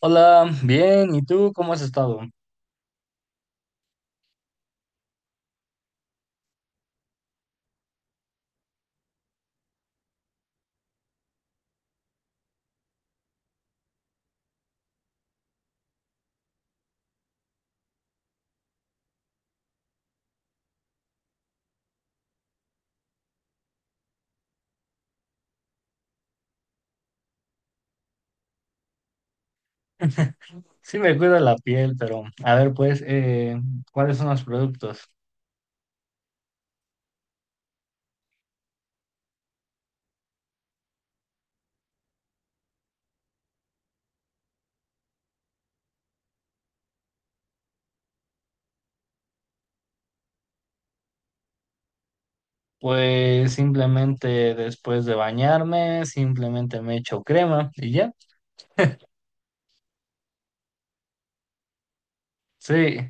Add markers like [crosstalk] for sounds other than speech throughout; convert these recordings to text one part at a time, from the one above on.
Hola, bien, ¿y tú cómo has estado? [laughs] Sí me cuido la piel, pero a ver, pues, ¿cuáles son los productos? Pues simplemente después de bañarme, simplemente me echo crema y ya. Sí.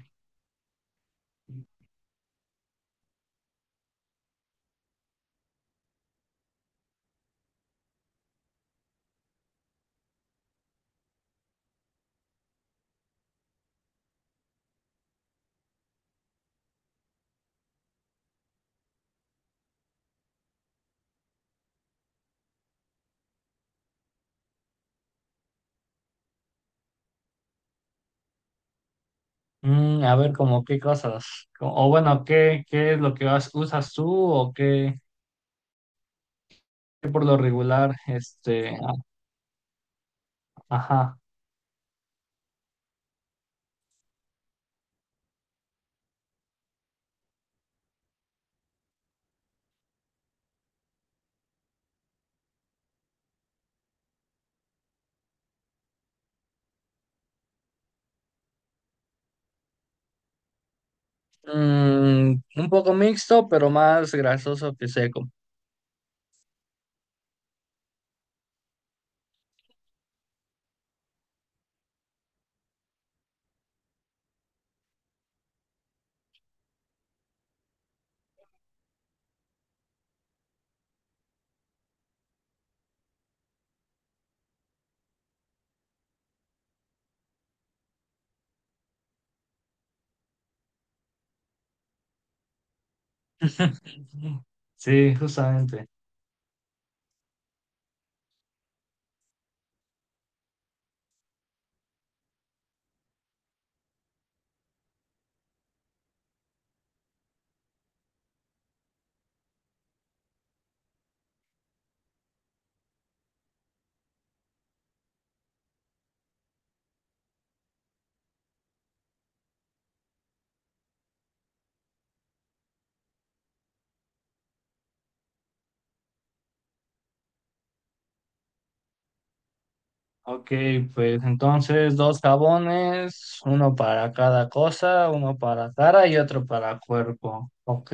Mm, a ver, como qué cosas, o bueno, ¿qué es lo que usas tú o qué, qué por lo regular, ajá. Mm, un poco mixto, pero más grasoso que seco. [laughs] Sí, justamente. Ok, pues entonces dos jabones, uno para cada cosa, uno para cara y otro para cuerpo. Ok.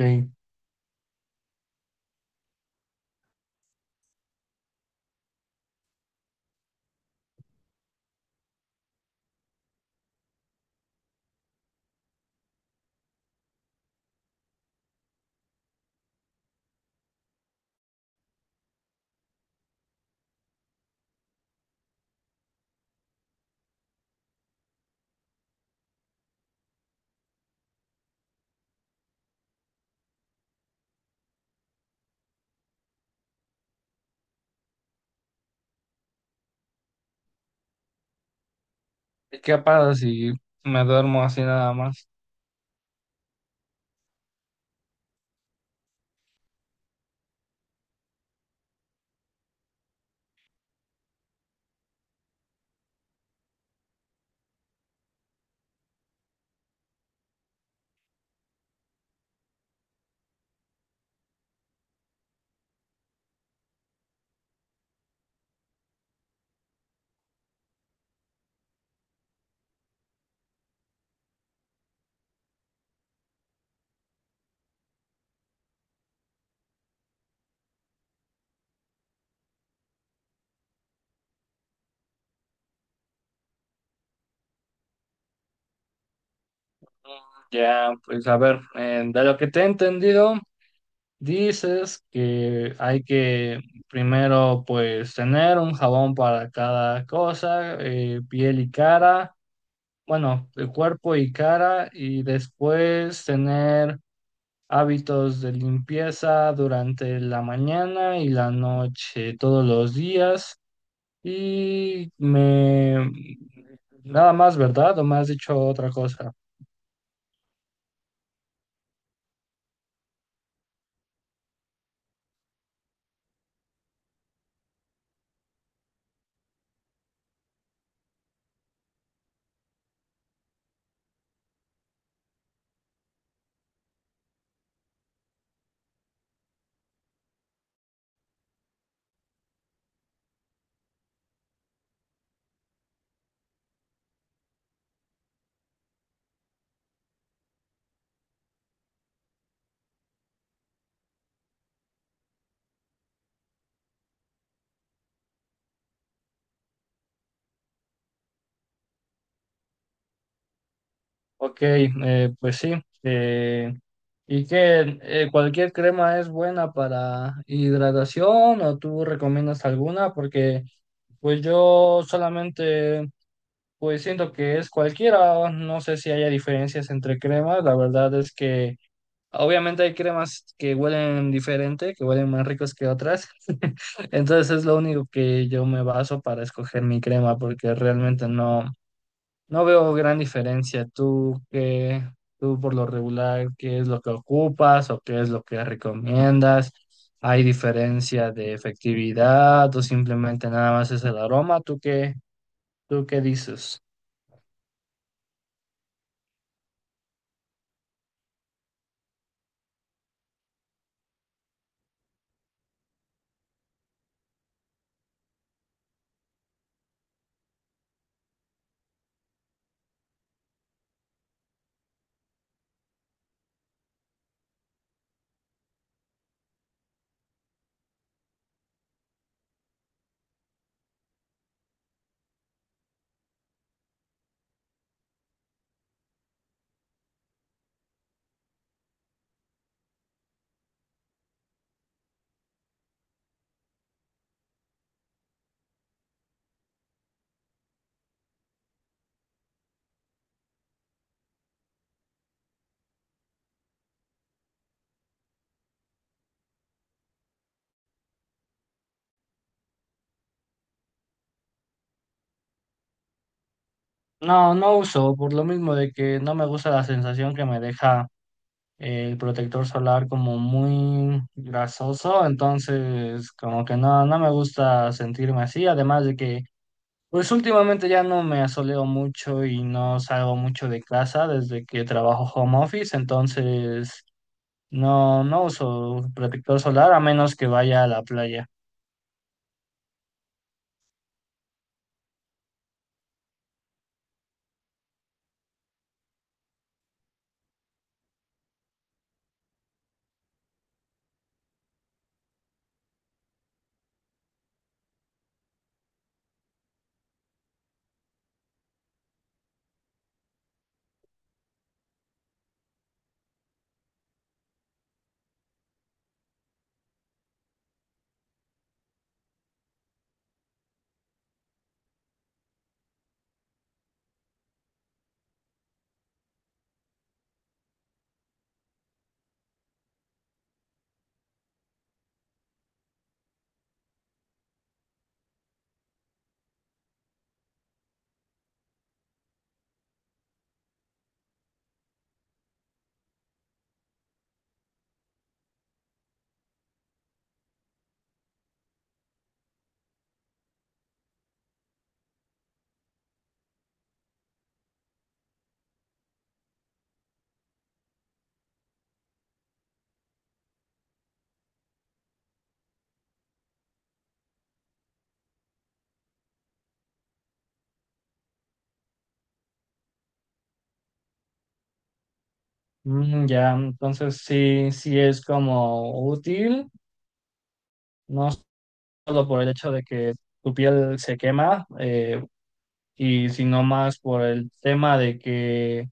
¿Qué pasa si me duermo así nada más? Ya, pues a ver, de lo que te he entendido, dices que hay que primero pues tener un jabón para cada cosa, piel y cara, bueno, el cuerpo y cara, y después tener hábitos de limpieza durante la mañana y la noche, todos los días. Y me... Nada más, ¿verdad? ¿O me has dicho otra cosa? Ok, pues sí, eh, ¿y qué? ¿Cualquier crema es buena para hidratación o tú recomiendas alguna? Porque pues yo solamente... Pues siento que es cualquiera, no sé si haya diferencias entre cremas, la verdad es que obviamente hay cremas que huelen diferente, que huelen más ricos que otras. [laughs] Entonces es lo único que yo me baso para escoger mi crema, porque realmente no veo gran diferencia. Tú por lo regular, ¿qué es lo que ocupas o qué es lo que recomiendas? ¿Hay diferencia de efectividad o simplemente nada más es el aroma? ¿Tú qué dices? No, no uso, por lo mismo de que no me gusta la sensación que me deja el protector solar como muy grasoso, entonces como que no me gusta sentirme así, además de que pues últimamente ya no me asoleo mucho y no salgo mucho de casa desde que trabajo home office, entonces no uso protector solar a menos que vaya a la playa. Mm, ya, entonces sí, sí es como útil, no solo por el hecho de que tu piel se quema, y sino más por el tema de que,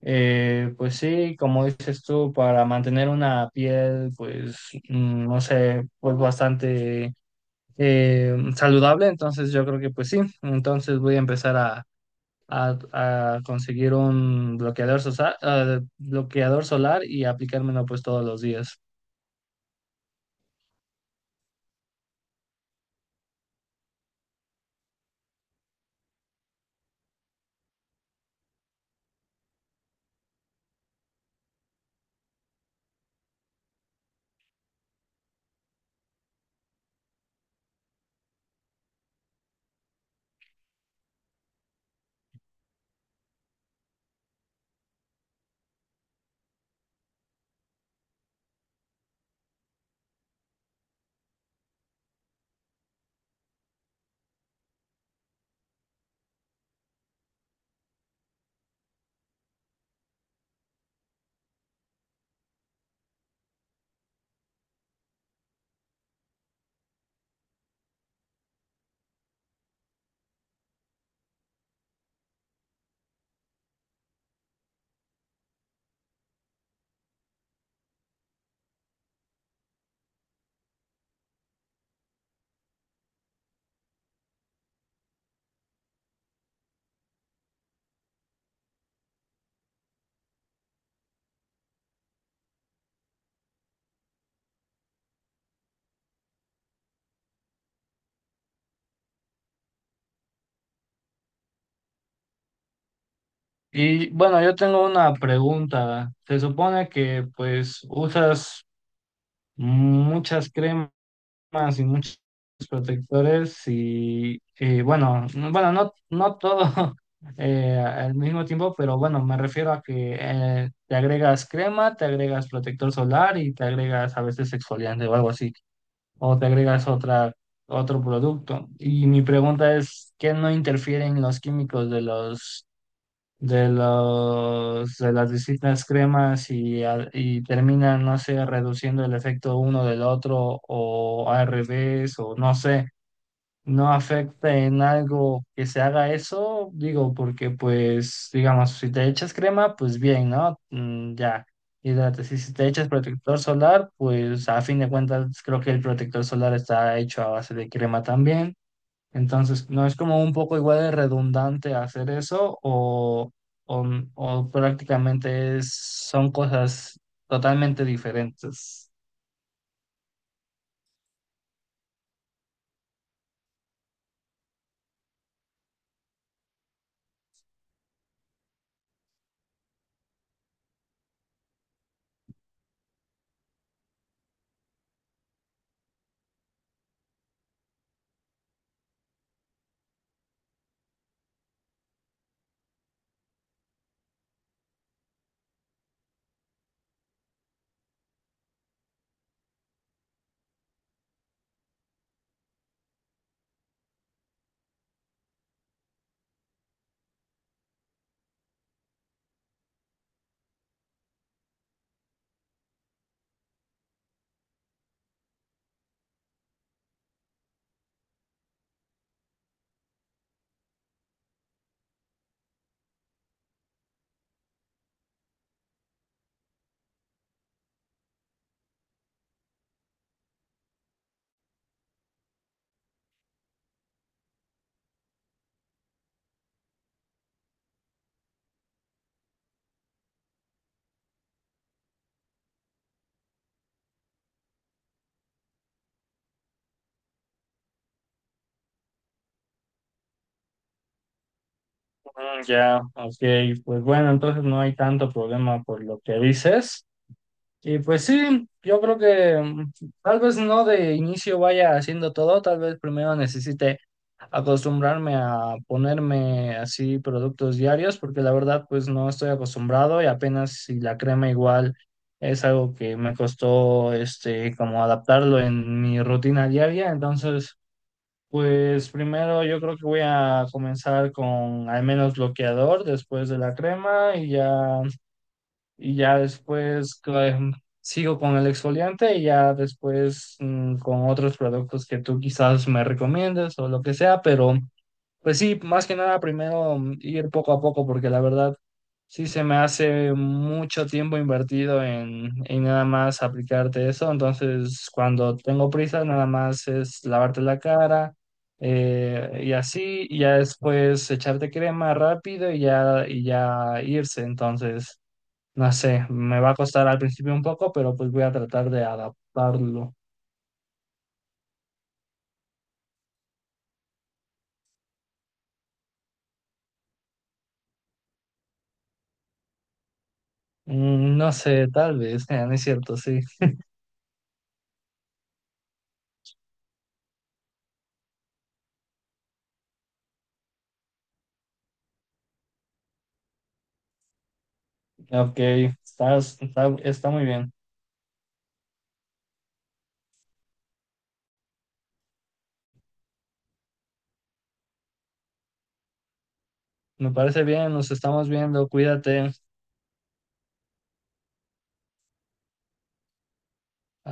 pues sí, como dices tú, para mantener una piel, pues, mm, no sé, pues bastante saludable, entonces yo creo que pues sí, entonces voy a empezar a- a conseguir un bloqueador, bloqueador solar y aplicármelo pues todos los días. Y bueno, yo tengo una pregunta. Se supone que pues usas muchas cremas más y muchos protectores y, bueno, bueno, no todo [laughs] al mismo tiempo, pero bueno, me refiero a que te agregas crema, te agregas protector solar y te agregas a veces exfoliante o algo así, o te agregas otro producto. Y mi pregunta es, ¿qué no interfieren los químicos de los de las distintas cremas y y terminan, no sé, reduciendo el efecto uno del otro o al revés o no sé, no afecta en algo que se haga eso, digo, porque pues, digamos, si te echas crema, pues bien, ¿no? Mm, ya. Y si te echas protector solar, pues a fin de cuentas creo que el protector solar está hecho a base de crema también. Entonces, ¿no es como un poco igual de redundante hacer eso o, o prácticamente son cosas totalmente diferentes? Mm, ya, ok, pues bueno, entonces no hay tanto problema por lo que dices. Y pues sí, yo creo que mm, tal vez no de inicio vaya haciendo todo, tal vez primero necesite acostumbrarme a ponerme así productos diarios, porque la verdad pues no estoy acostumbrado y apenas si la crema igual es algo que me costó este como adaptarlo en mi rutina diaria, entonces pues primero yo creo que voy a comenzar con al menos bloqueador después de la crema y ya, y ya después sigo con el exfoliante y ya después mm, con otros productos que tú quizás me recomiendes o lo que sea, pero pues sí, más que nada primero mm, ir poco a poco porque la verdad sí se me hace mucho tiempo invertido en nada más aplicarte eso, entonces cuando tengo prisa nada más es lavarte la cara, y así, y ya después echarte crema rápido y ya irse. Entonces, no sé, me va a costar al principio un poco, pero pues voy a tratar de adaptarlo. Mm, no sé, tal vez, [laughs] no es cierto, sí. Ok, está muy bien. Me parece bien, nos estamos viendo, cuídate.